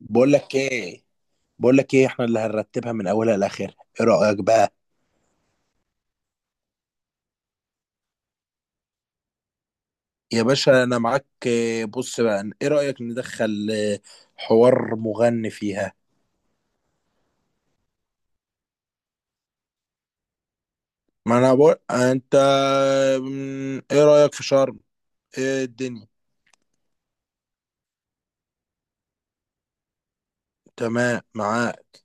بقول لك ايه بقول لك ايه احنا اللي هنرتبها من اولها لاخرها. ايه رايك بقى؟ يا باشا انا معاك. بص بقى، ايه رايك ندخل، حوار مغني فيها؟ ما انا بقول انت. ايه رايك في شرم؟ ايه الدنيا؟ تمام معاك.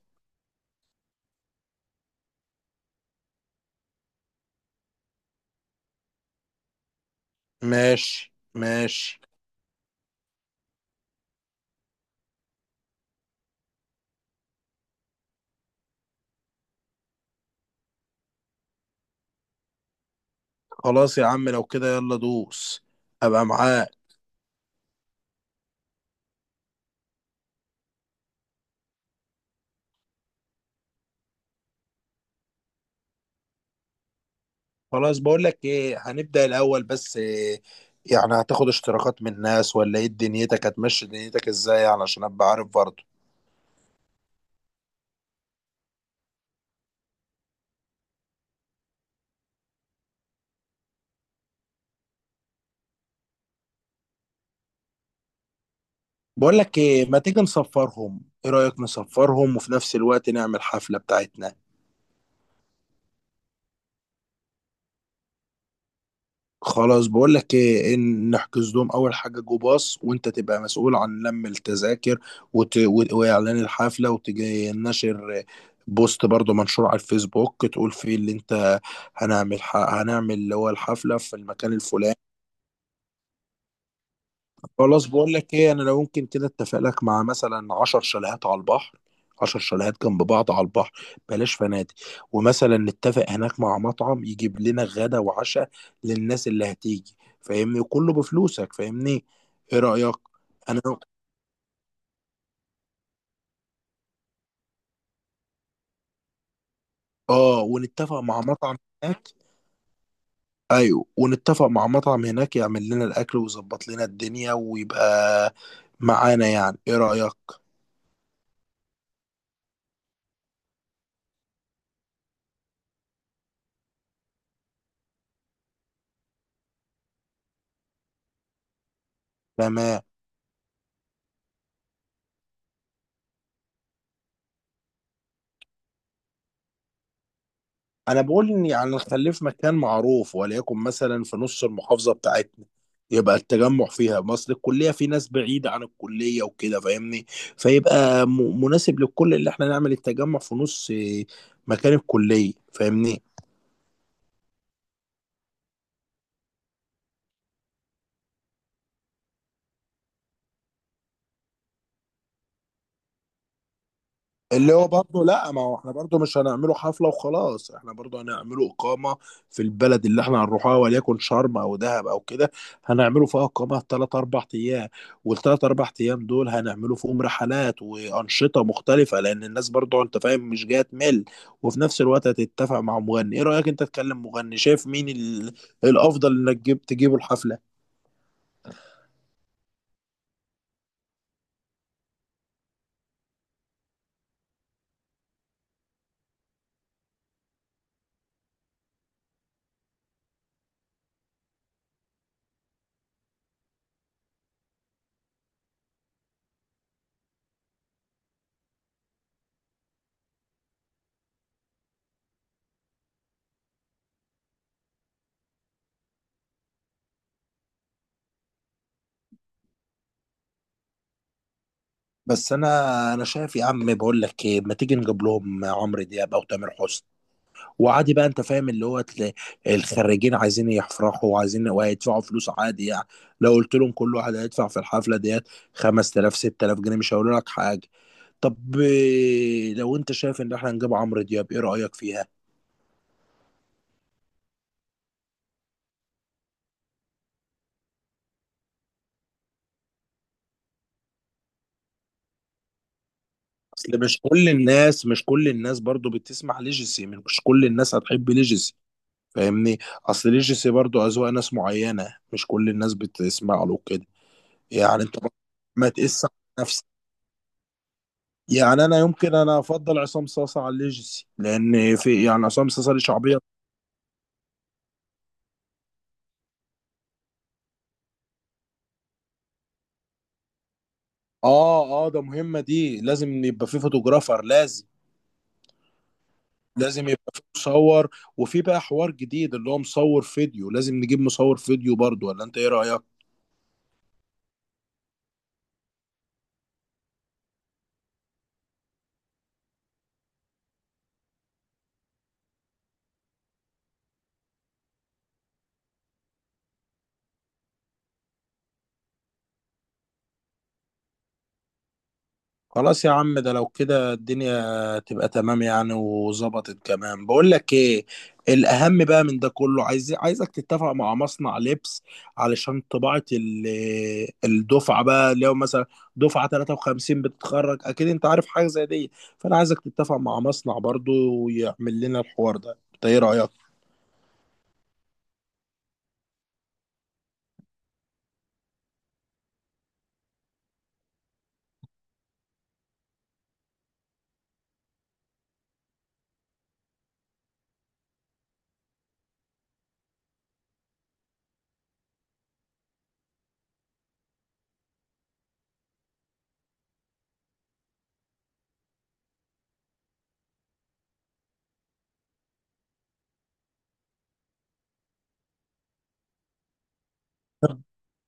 ماشي، ماشي. خلاص يا عم، لو كده يلا دوس. ابقى معاك. خلاص، بقول لك ايه، هنبدأ الاول. بس إيه، يعني هتاخد اشتراكات من الناس ولا ايه دنيتك؟ هتمشي دنيتك ازاي يعني عشان ابقى عارف برضه؟ بقول لك ايه، ما تيجي نصفرهم؟ ايه رأيك نصفرهم وفي نفس الوقت نعمل حفلة بتاعتنا؟ خلاص، بقول لك ايه، إن نحجز لهم اول حاجة جو باص، وانت تبقى مسؤول عن لم التذاكر واعلان الحفلة، وتجي نشر بوست برضه منشور على الفيسبوك تقول فيه اللي انت هنعمل اللي هو الحفلة في المكان الفلاني. خلاص، بقول لك ايه، انا لو ممكن كده اتفق لك مع مثلا 10 شاليهات على البحر. 10 شاليهات جنب بعض على البحر، بلاش فنادق. ومثلا نتفق هناك مع مطعم يجيب لنا غدا وعشاء للناس اللي هتيجي، فاهمني؟ كله بفلوسك فاهمني. ايه رأيك؟ انا اه ونتفق مع مطعم هناك. ايوه، ونتفق مع مطعم هناك يعمل لنا الاكل ويظبط لنا الدنيا ويبقى معانا. يعني ايه رأيك؟ تمام. انا بقول ان يعني نخليه في مكان معروف، وليكن مثلا في نص المحافظه بتاعتنا. يبقى التجمع فيها مصر الكليه، في ناس بعيده عن الكليه وكده فاهمني. فيبقى مناسب للكل اللي احنا نعمل التجمع في نص مكان الكليه، فاهمني. اللي هو برضه، لا، ما هو احنا برضه مش هنعمله حفلة وخلاص، احنا برضه هنعمله إقامة في البلد اللي احنا هنروحها، وليكن شرم أو دهب أو كده. هنعمله فيها إقامة تلات أربع أيام، والتلات أربع أيام دول هنعمله فيهم رحلات وأنشطة مختلفة، لأن الناس برضه أنت فاهم مش جاية تمل. وفي نفس الوقت هتتفق مع مغني. إيه رأيك أنت تكلم مغني؟ شايف مين الأفضل إنك تجيبه الحفلة. بس أنا شايف يا عم، بقول لك إيه، ما تيجي نجيب لهم عمرو دياب أو تامر حسني؟ وعادي بقى، انت فاهم اللي هو الخريجين عايزين يفرحوا وعايزين وهيدفعوا فلوس عادي يعني. لو قلت لهم كل واحد هيدفع في الحفله ديت 5000 6000 جنيه مش هيقولوا لك حاجه. طب، لو انت شايف ان احنا نجيب عمرو دياب، ايه رايك فيها؟ اصل مش كل الناس برضو بتسمع ليجيسي، مش كل الناس هتحب ليجيسي فاهمني. اصل ليجيسي برضو اذواق ناس معينه، مش كل الناس بتسمع له كده. يعني انت برضو ما تقيس على نفسك. يعني انا افضل عصام صاصا على الليجسي، لان في يعني عصام صاصا ليه شعبيه. اه، اه، ده مهمه دي، لازم يبقى في فوتوغرافر لازم. لازم يبقى في مصور، وفي بقى حوار جديد اللي هو مصور فيديو. لازم نجيب مصور فيديو برضو، ولا انت ايه رايك؟ خلاص يا عم، ده لو كده الدنيا تبقى تمام يعني وظبطت كمان. بقول لك ايه، الاهم بقى من ده كله، عايزك تتفق مع مصنع لبس علشان طباعة الدفعة بقى. لو مثلا دفعة 53 بتتخرج، اكيد انت عارف حاجة زي دي. فانا عايزك تتفق مع مصنع برضو ويعمل لنا الحوار ده، انت ايه رأيك؟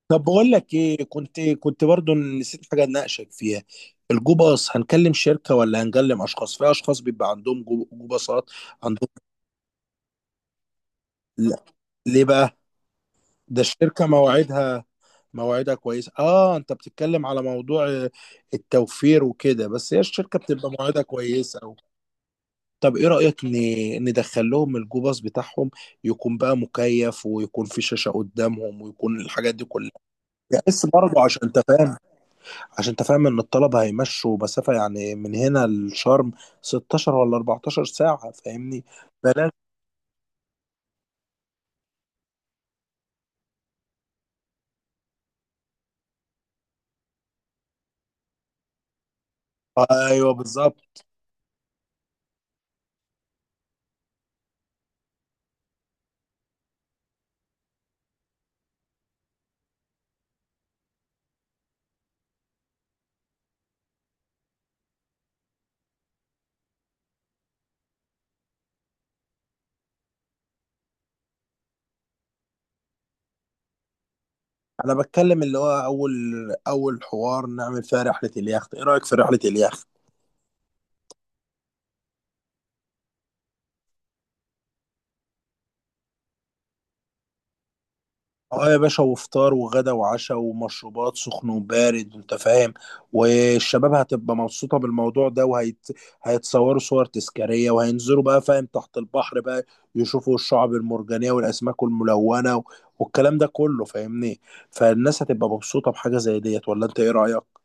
طب بقول لك ايه، كنت برضو نسيت حاجه اناقشك فيها. الجوباص، هنكلم شركه ولا هنكلم اشخاص؟ في اشخاص بيبقى عندهم جوباصات عندهم. لا. ليه بقى؟ ده الشركه مواعيدها كويسه. اه، انت بتتكلم على موضوع التوفير وكده، بس هي الشركه بتبقى مواعيدها كويسه أو. طب ايه رايك ندخل لهم الجوباص بتاعهم يكون بقى مكيف، ويكون في شاشه قدامهم، ويكون الحاجات دي كلها؟ بس برضه عشان انت فاهم ان الطلبة هيمشوا مسافة يعني من هنا لشرم 16 ولا 14 ساعة، فاهمني. بلاش. ايوه بالظبط. انا بتكلم اللي هو اول حوار نعمل فيها رحلة اليخت. ايه رأيك في رحلة اليخت؟ اه يا باشا، وفطار وغدا وعشاء ومشروبات سخن وبارد، انت فاهم. والشباب هتبقى مبسوطة بالموضوع ده، هيتصوروا صور تذكارية، وهينزلوا بقى فاهم تحت البحر بقى، يشوفوا الشعب المرجانية والأسماك الملونة والكلام ده كله فاهمني. فالناس هتبقى مبسوطة بحاجة زي ديت، ولا انت ايه رأيك؟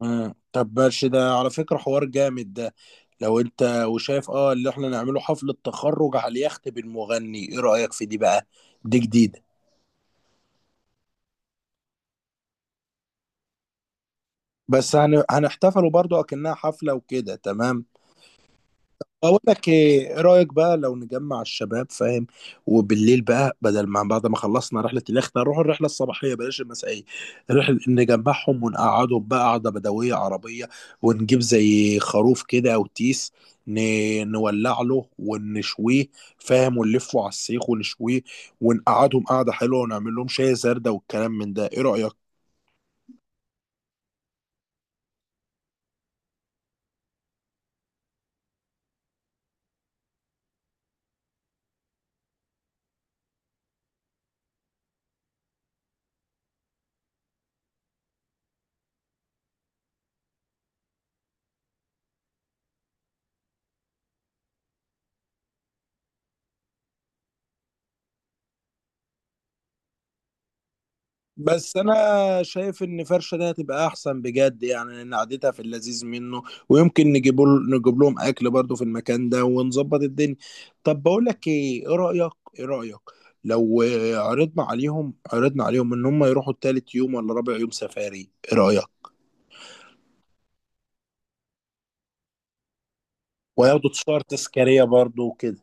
مم. طب ماشي، ده على فكرة حوار جامد ده. لو انت وشايف اللي احنا نعمله حفلة تخرج على اليخت بالمغني، ايه رأيك في دي بقى؟ دي جديدة. بس هنحتفلوا برضو اكنها حفله وكده، تمام. اقول لك ايه، إيه رايك بقى لو نجمع الشباب، فاهم؟ وبالليل بقى، بدل ما بعد ما خلصنا رحله اليخت نروح الرحله الصباحيه بلاش المسائيه، رحله، نجمعهم ونقعدهم بقى قعده بدويه عربيه، ونجيب زي خروف كده او تيس. ن... نولع له ونشويه، فاهم، ونلفه على السيخ ونشويه، ونقعدهم قعده حلوه، ونعمل لهم شاي زردة والكلام من ده. ايه رايك؟ بس انا شايف ان فرشه دي هتبقى احسن بجد يعني، لان قعدتها في اللذيذ منه. ويمكن نجيب لهم اكل برضه في المكان ده ونظبط الدنيا. طب بقول لك ايه، ايه رايك لو عرضنا عليهم ان هم يروحوا تالت يوم ولا رابع يوم سفاري، ايه رايك؟ وياخدوا تذكاريه برضه وكده.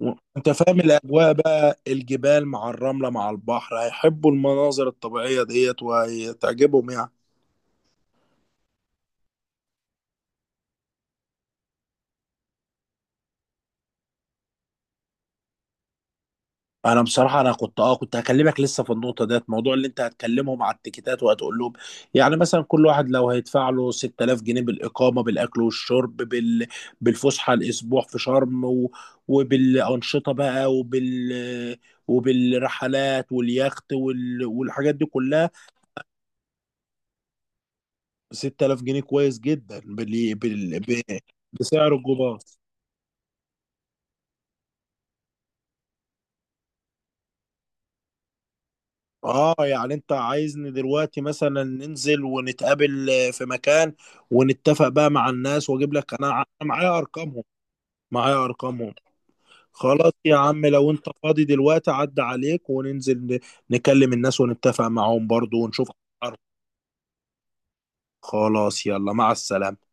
انت فاهم الاجواء بقى، الجبال مع الرمله مع البحر، هيحبوا المناظر الطبيعيه ديت وهتعجبهم يعني. انا بصراحه، انا كنت اه كنت هكلمك لسه في النقطه ديت، موضوع اللي انت هتكلمهم على التيكيتات وهتقول لهم، يعني مثلا كل واحد لو هيدفع له 6000 جنيه بالاقامه بالاكل والشرب بالفسحه، الاسبوع في شرم وبالانشطه بقى وبالرحلات واليخت والحاجات دي كلها. 6000 جنيه كويس جدا بسعر الجمعة. اه يعني انت عايزني دلوقتي مثلا ننزل ونتقابل في مكان، ونتفق بقى مع الناس، واجيب لك، أنا معايا ارقامهم. خلاص يا عم، لو انت فاضي دلوقتي عدى عليك وننزل نكلم الناس ونتفق معاهم برضو ونشوف أسعارهم. خلاص يلا، مع السلامة.